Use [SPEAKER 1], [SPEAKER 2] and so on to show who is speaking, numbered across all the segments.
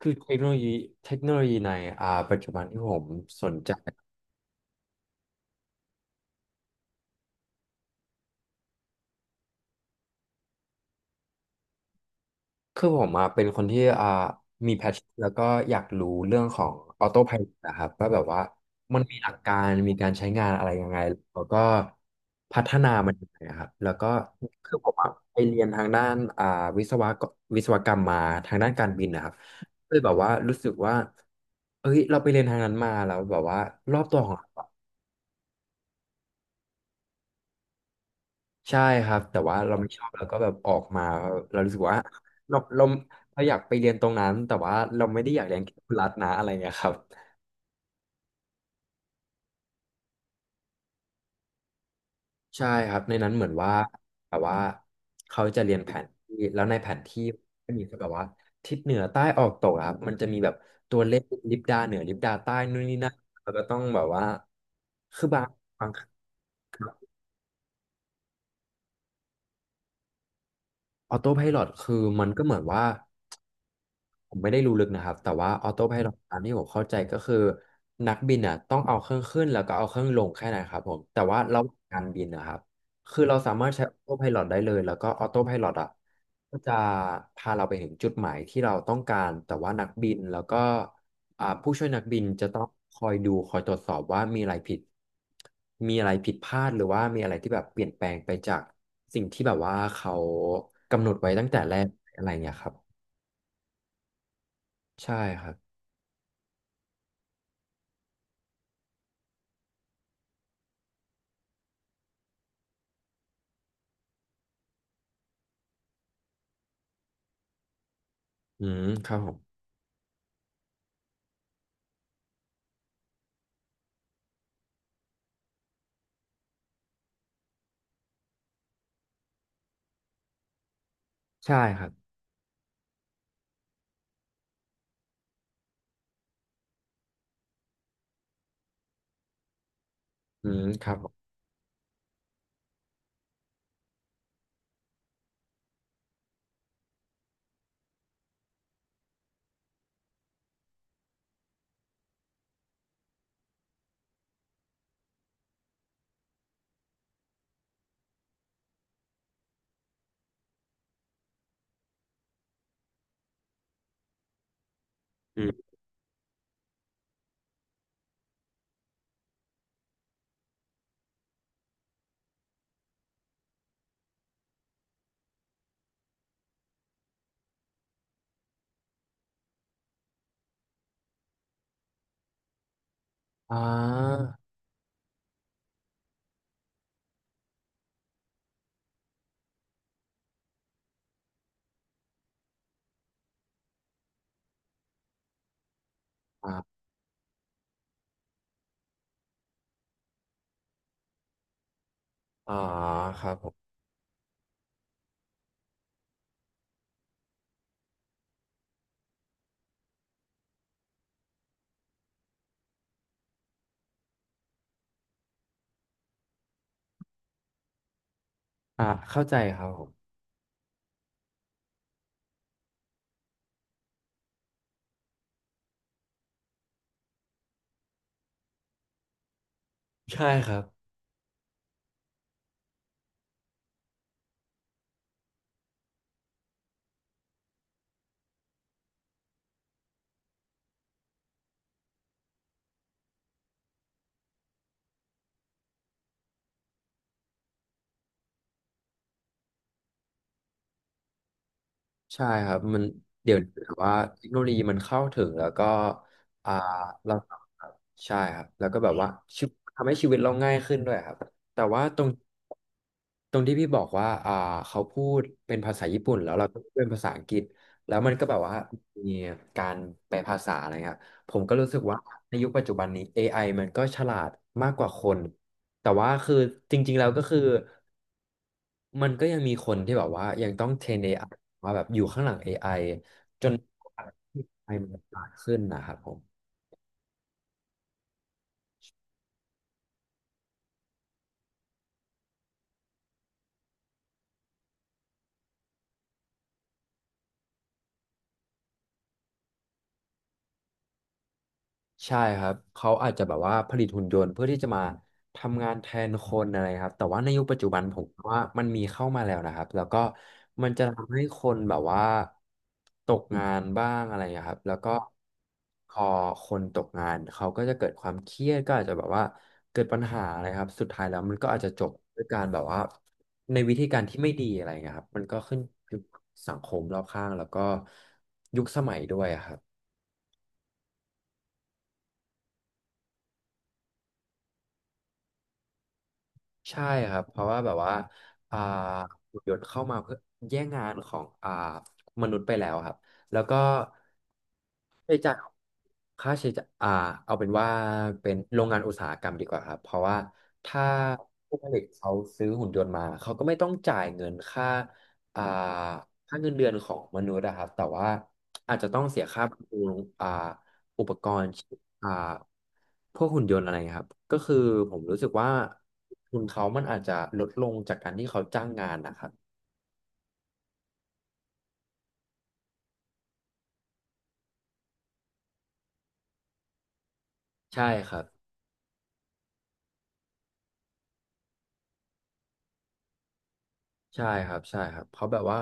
[SPEAKER 1] คือเทคโนโลยีเทคโนโลยีในปัจจุบันที่ผมสนใจคือผมอ่ะเป็นคนที่มีแพชชั่นแล้วก็อยากรู้เรื่องของออโต้ไพลอตนะครับว่าแบบว่ามันมีหลักการมีการใช้งานอะไรยังไงแล้วก็พัฒนามันยังไงอะครับแล้วก็คือผมอ่ะไปเรียนทางด้านวิศวะวิศวกรรมมาทางด้านการบินนะครับเลยแบบว่ารู้สึกว่าเอ้ยเราไปเรียนทางนั้นมาแล้วแบบว่ารอบตัวของเรา ใช่ครับแต่ว่าเราไม่ชอบเราก็แบบออกมาเรารู้สึกว่าเราเราอยากไปเรียนตรงนั้นแต่ว่าเราไม่ได้อยากเรียนแค่รัฐนะอะไรเงี้ยครับใช่ครับในนั้นเหมือนว่าแบบว่าเขาจะเรียนแผนที่แล้วในแผนที่ก็มีแบบว่าทิศเหนือใต้ออกตกอะครับมันจะมีแบบตัวเลขลิบดาเหนือลิบดาใต้นู่นนี่นั่นแล้วก็ต้องแบบว่าคือบางออโต้ไพลอตคือมันก็เหมือนว่า ผมไม่ได้รู้ลึกนะครับแต่ว่าออโต้ไพลอตตามที่ผมเข้าใจก็คือนักบินอ่ะต้องเอาเครื่องขึ้นแล้วก็เอาเครื่องลงแค่นั้นครับผมแต่ว่าระหว่างการบินนะครับคือเราสามารถใช้ออโต้ไพลอตได้เลยแล้วก็ออโต้ไพลอตอ่ะก็จะพาเราไปถึงจุดหมายที่เราต้องการแต่ว่านักบินแล้วก็ผู้ช่วยนักบินจะต้องคอยดูคอยตรวจสอบว่ามีอะไรผิดมีอะไรผิดพลาดหรือว่ามีอะไรที่แบบเปลี่ยนแปลงไปจากสิ่งที่แบบว่าเขากำหนดไว้ตั้งแต่แรกอะไรเงี้ยครับใช่ครับ อืมครับผมใช่ครับอืมครับผมอืมอ่าอ่าอ่าครับผมอ่าเข้าใจครับผมใช่ครับ ใช่ครับมันเดี๋ยวถือว่าเทคโนโลยีมันเข้าถึงแล้วก็อ่าเราใช่ครับแล้วก็แบบว่าชีวิตทำให้ชีวิตเราง่ายขึ้นด้วยครับแต่ว่าตรงตรงที่พี่บอกว่าเขาพูดเป็นภาษาญี่ปุ่นแล้วเราก็พูดเป็นภาษาอังกฤษแล้วมันก็แบบว่ามีการแปลภาษาอะไรครับผมก็รู้สึกว่าในยุคปัจจุบันนี้ ไอมันก็ฉลาดมากกว่าคนแต่ว่าคือจริงๆแล้วก็คือ มันก็ยังมีคนที่แบบว่ายังต้องเทรน AI มาแบบอยู่ข้างหลัง AI จนเอไอมันฉลาดขึ้นนะครับผม ใช่ครับเขาอาจจะแบบว่าผลิตหุ่นยนต์เพื่อที่จะมาทำงานแทนคนอะไรครับแต่ว่าในยุคปัจจุบันผมว่ามันมีเข้ามาแล้วนะครับแล้วก็มันจะทำให้คนแบบว่าตกงานบ้างอะไรอย่างเงี้ยครับแล้วก็พอคนตกงานเขาก็จะเกิดความเครียดก็อาจจะแบบว่าเกิดปัญหาอะไรครับสุดท้ายแล้วมันก็อาจจะจบด้วยการแบบว่าในวิธีการที่ไม่ดีอะไรอย่างเงี้ยครับมันก็ขึ้นอยู่กับสังคมรอบข้างแล้วก็ยุคสมัยด้วยอะครับ ใช่ครับเพราะว่าแบบว่าอ่าหุ่นยนต์เข้ามาเพื่อแย่งงานของมนุษย์ไปแล้วครับแล้วก็ใช้จ่ายค่าใช้จ่ายเอาเป็นว่าเป็นโรงงานอุตสาหกรรมดีกว่าครับเพราะว่าถ้าผู้ผลิตเขาซื้อหุ่นยนต์มาเขาก็ไม่ต้องจ่ายเงินค่าอ่าค่าเงินเดือนของมนุษย์นะครับแต่ว่าอาจจะต้องเสียค่าบำรุงอ่าอุปกรณ์ อ่าพวกหุ่นยนต์อะไรเงี้ยครับก็คือผมรู้สึกว่าทุนเขามันอาจจะลดลงจากการที่เขาจ้างงานนะครับใช่ครับใช่ครับใช่ครับเพราะแบบว่า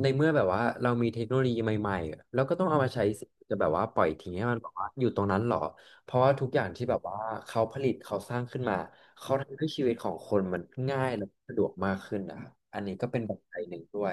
[SPEAKER 1] ในเมื่อแบบว่าเรามีเทคโนโลยีใหม่ๆแล้วก็ต้องเอามาใช้สิจะแบบว่าปล่อยทิ้งให้มันแบบว่าอยู่ตรงนั้นหรอเพราะว่าทุกอย่างที่แบบว่าเขาผลิตเขาสร้างขึ้นมาเขาทำให้ชีวิตของคนมันง่ายและสะดวกมากขึ้นนะครับอันนี้ก็เป็นปัจจัยหนึ่งด้วย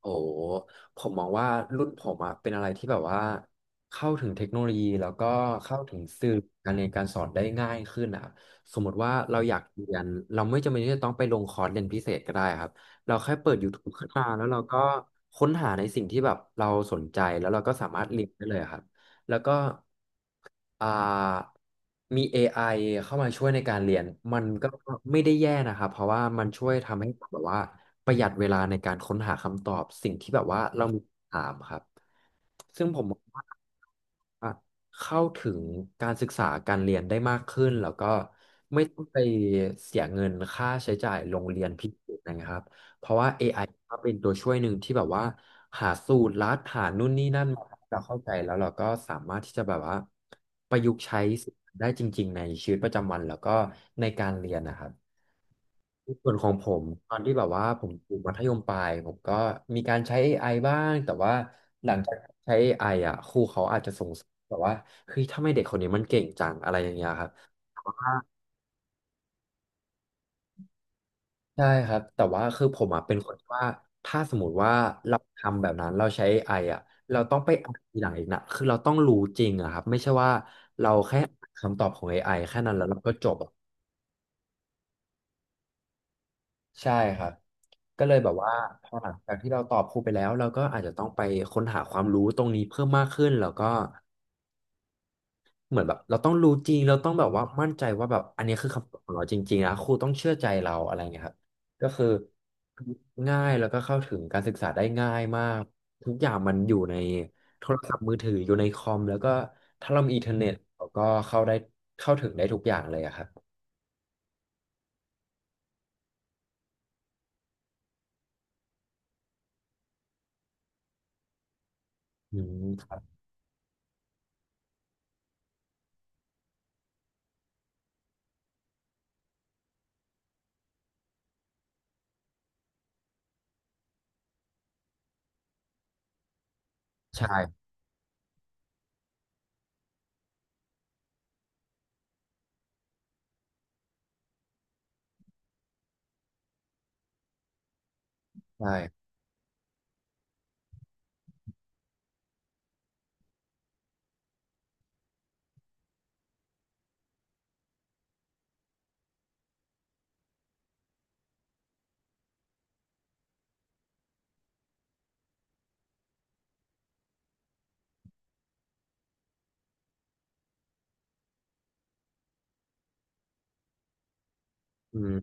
[SPEAKER 1] โอ้ผมมองว่ารุ่นผมอะเป็นอะไรที่แบบว่าเข้าถึงเทคโนโลยีแล้วก็เข้าถึงสื่อการเรียนการสอนได้ง่ายขึ้นอะสมมติว่าเราอยากเรียนเราไม่จำเป็นที่จะต้องไปลงคอร์สเรียนพิเศษก็ได้ครับเราแค่เปิด YouTube ขึ้นมาแล้วเราก็ค้นหาในสิ่งที่แบบเราสนใจแล้วเราก็สามารถเรียนได้เลยครับแล้วก็ อ่ามี AI เข้ามาช่วยในการเรียนมันก็ไม่ได้แย่นะครับเพราะว่ามันช่วยทำให้แบบว่าประหยัดเวลาในการค้นหาคำตอบสิ่งที่แบบว่าเรามีคำถามครับซึ่งผมมองว่าอ่ะเข้าถึงการศึกษาการเรียนได้มากขึ้นแล้วก็ไม่ต้องไปเสียเงินค่าใช้จ่ายโรงเรียนพิเศษนะครับ เพราะว่า AI ก็เป็นตัวช่วยหนึ่งที่แบบว่าหาสูตรลัดหานู่นนี่นั่นมาให้เราเข้าใจแล้วเราก็สามารถที่จะแบบว่าประยุกต์ใช้สิ่งนั้นได้จริงๆในชีวิตประจำวันแล้วก็ในการเรียนนะครับในส่วนของผมตอนที่แบบว่าผมอยู่มัธยมปลายผมก็มีการใช้ AI บ้างแต่ว่าหลังจากใช้ AI อไออ่ะครูเขาอาจจะสงสัยแบบว่าเฮ้ยทำไมเด็กคนนี้มันเก่งจังอะไรอย่างเงี้ยครับ ใช่ครับแต่ว่าคือผมอ่ะเป็นคนที่ว่าถ้าสมมติว่าเราทำแบบนั้นเราใช้อ่ะเราต้องไปอ่านทีหลังอีกนะคือเราต้องรู้จริงอะครับไม่ใช่ว่าเราแค่อ่านคำตอบของ AI แค่นั้นแล้วเราก็จบอะใช่ครับก็เลยแบบว่าพอหลังจากที่เราตอบครูไปแล้วเราก็อาจจะต้องไปค้นหาความรู้ตรงนี้เพิ่มมากขึ้นแล้วก็ เหมือนแบบเราต้องรู้จริงเราต้องแบบว่ามั่นใจว่าแบบอันนี้คือคำตอบของเราจริงๆนะครูต้องเชื่อใจเราอะไรเงี้ยครับก็คือง่ายแล้วก็เข้าถึงการศึกษาได้ง่ายมากทุกอย่างมันอยู่ในโทรศัพท์มือถืออยู่ในคอมแล้วก็ถ้าเรามีอินเทอร์เน็ตเราก็เข้าได้เข้าถึงได้ทุกอย่างเลยอะครับอืมครับใช่ใช่อืม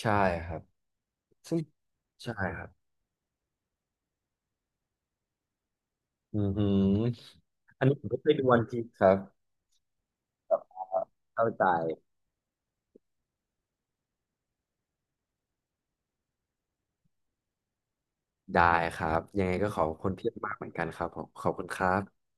[SPEAKER 1] ใช่ครับซึ่งใช่ครับอือหืออันนี้ผมไม่เคยดูวันพีซครับเข้าใจ ได้ครับยังไงก็ขอบคุณพี่มากเหมือนกันครับผมขอบคุณครับ